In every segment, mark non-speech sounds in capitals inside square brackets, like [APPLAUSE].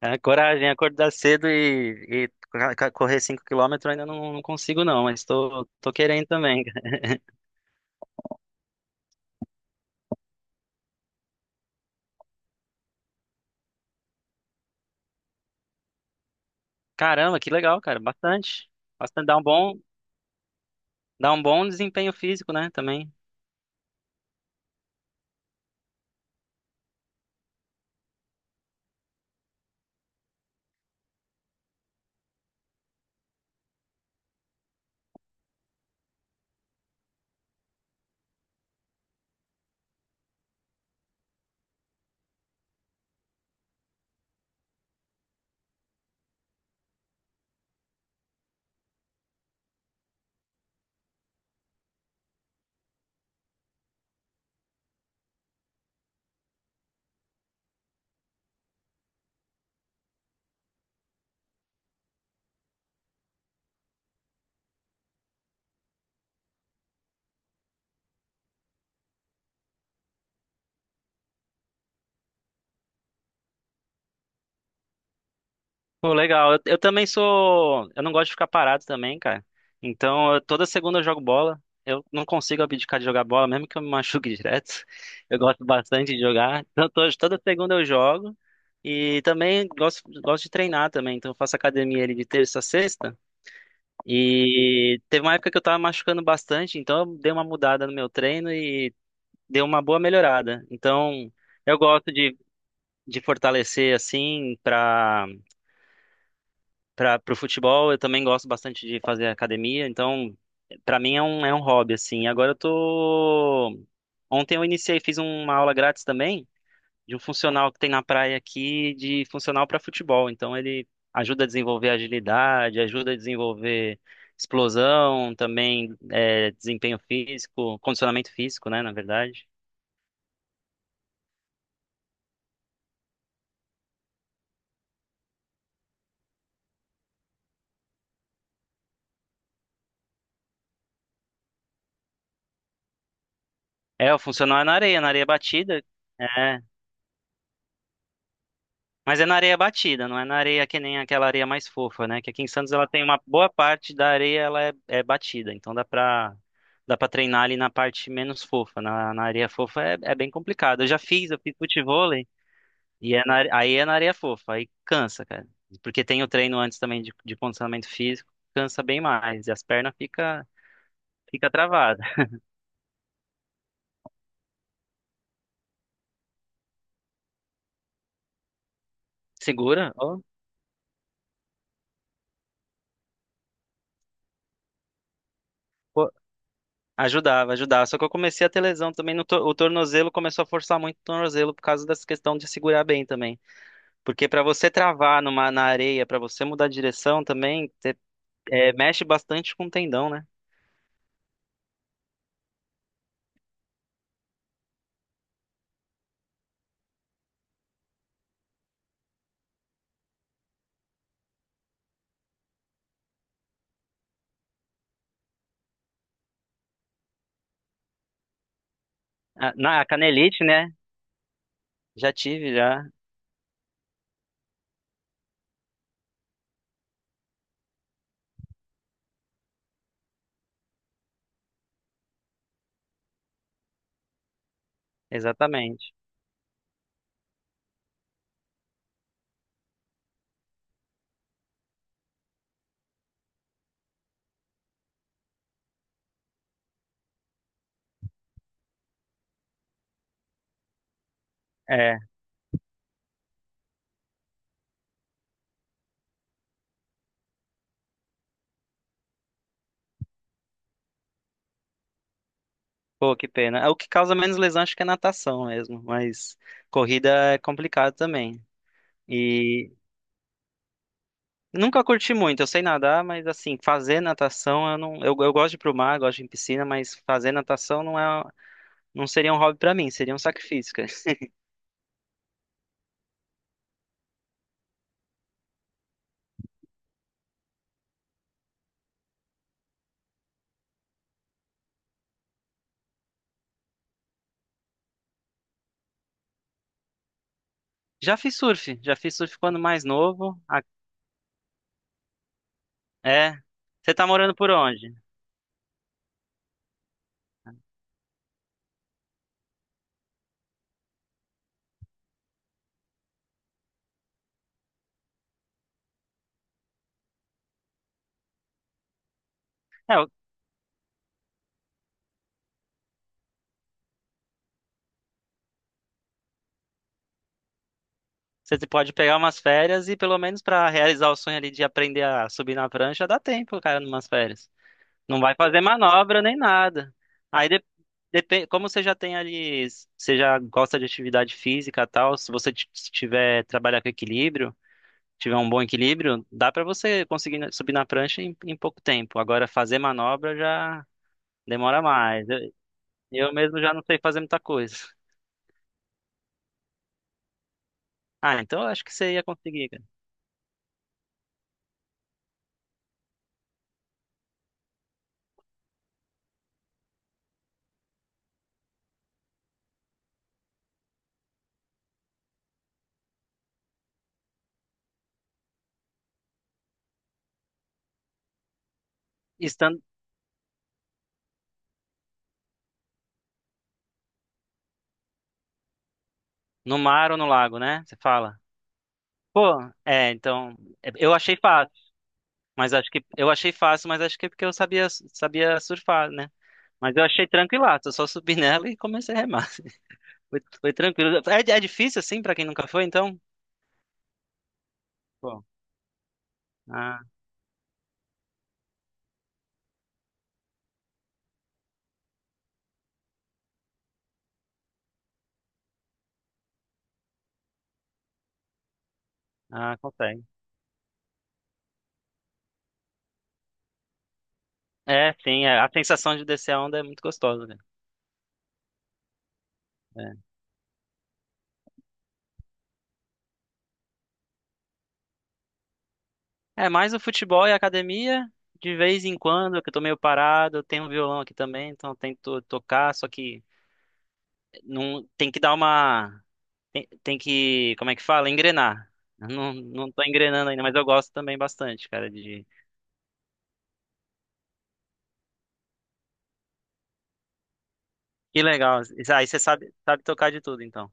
É, coragem, acordar cedo e correr 5 quilômetros ainda não consigo não, mas tô querendo também. [LAUGHS] Caramba, que legal, cara, bastante. Bastante, dá um bom desempenho físico, né, também. Pô, legal. Eu também sou, eu não gosto de ficar parado também, cara. Então, toda segunda eu jogo bola. Eu não consigo abdicar de jogar bola, mesmo que eu me machuque [LAUGHS] direto. Eu gosto bastante de jogar. Então, toda segunda eu jogo. E também gosto de treinar também. Então, eu faço academia ali de terça a sexta. E teve uma época que eu tava machucando bastante, então eu dei uma mudada no meu treino e deu uma boa melhorada. Então, eu gosto de fortalecer assim para pro futebol, eu também gosto bastante de fazer academia, então pra mim é é um hobby assim. Agora eu tô. Ontem eu iniciei, fiz uma aula grátis também de um funcional que tem na praia aqui, de funcional para futebol. Então ele ajuda a desenvolver agilidade, ajuda a desenvolver explosão, também é, desempenho físico, condicionamento físico, né, na verdade. É, o funcional é na areia batida. É, mas é na areia batida, não é na areia que nem aquela areia mais fofa, né? Que aqui em Santos ela tem uma boa parte da areia ela é, é batida, então dá para treinar ali na parte menos fofa. Na areia fofa é, é bem complicado. Eu fiz futebol. E é na, aí é na areia fofa, aí cansa, cara. Porque tem o treino antes também de condicionamento físico, cansa bem mais, e as pernas fica travada. [LAUGHS] Segura, ó. Pô. Ajudava, ajudava. Só que eu comecei a ter lesão também no o tornozelo, começou a forçar muito o tornozelo por causa dessa questão de segurar bem também. Porque pra você travar na areia, pra você mudar de direção também, é, mexe bastante com o tendão, né? A canelite, né? Já tive, já. Exatamente. É. Pô, que pena. É. O que causa menos lesão acho que é natação mesmo, mas corrida é complicado também. E nunca curti muito, eu sei nadar, mas assim, fazer natação eu não, eu gosto de ir pro mar, gosto de ir em piscina, mas fazer natação não é, não seria um hobby pra mim, seria um sacrifício, cara. [LAUGHS] Já fiz surf quando mais novo. É. Você tá morando por onde? É, você pode pegar umas férias e pelo menos pra realizar o sonho ali de aprender a subir na prancha, dá tempo, cara, numas férias. Não vai fazer manobra nem nada. Aí de, como você já tem ali, você já gosta de atividade física e tal, se se tiver trabalhar com equilíbrio, tiver um bom equilíbrio, dá pra você conseguir subir na prancha em, em pouco tempo. Agora fazer manobra já demora mais. Eu mesmo já não sei fazer muita coisa. Ah, então eu acho que você ia conseguir, cara. Estando no mar ou no lago, né? Você fala. Pô, é, então, é, eu achei fácil, mas acho que eu achei fácil, mas acho que é porque eu sabia surfar, né? Mas eu achei tranquilaço, eu só subi nela e comecei a remar. [LAUGHS] Foi tranquilo. É, é difícil assim pra quem nunca foi, então? Pô, ah, ah, consegue. É, sim, é, a sensação de descer a onda é muito gostosa, né? Mais o futebol e a academia, de vez em quando, que eu tô meio parado, eu tenho um violão aqui também, então eu tento tocar, só que não, tem que dar uma, tem, tem que, como é que fala? Engrenar. Eu Não, não tô engrenando ainda, mas eu gosto também bastante, cara, de... Que legal. Aí você sabe, sabe tocar de tudo, então.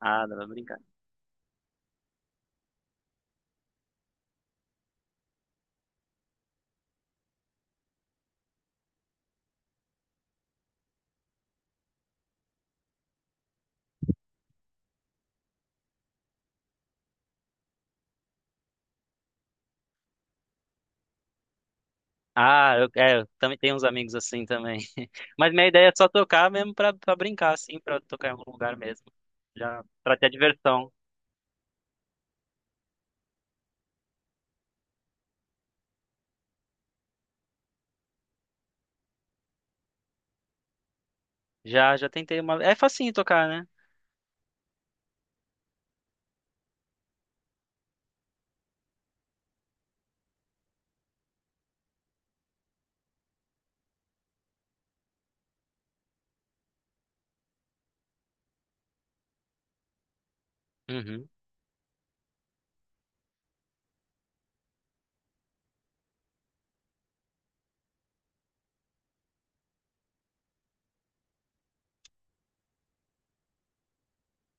Ah, não, brincadeira. Eu também tenho uns amigos assim também. [LAUGHS] Mas minha ideia é só tocar mesmo pra brincar, assim, pra tocar em algum lugar mesmo. Já, pra ter a diversão. Já, já tentei uma. É facinho tocar, né? Uhum.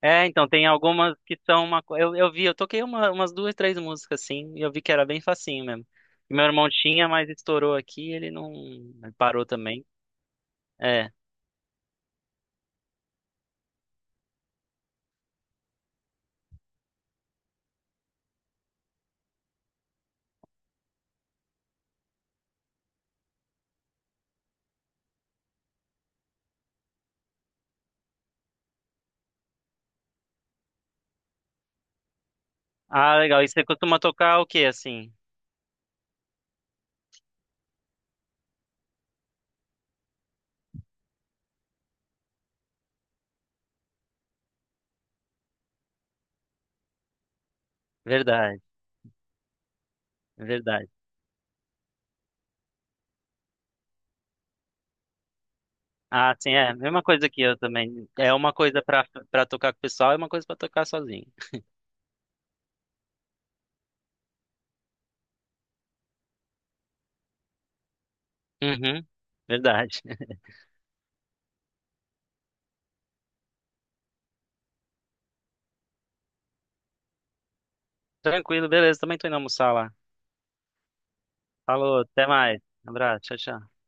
É, então, tem algumas que são uma. Eu vi, eu toquei umas 2, 3 músicas assim, e eu vi que era bem facinho mesmo. E meu irmão tinha, mas estourou aqui, ele não. ele parou também. É. Ah, legal. E você costuma tocar o quê, assim? Verdade, verdade. Ah, sim, é. Mesma coisa que eu também. É uma coisa pra tocar com o pessoal e uma coisa pra tocar sozinho. Uhum, verdade. [LAUGHS] Tranquilo, beleza. Também tô indo almoçar lá. Falou, até mais. Abraço, tchau, tchau.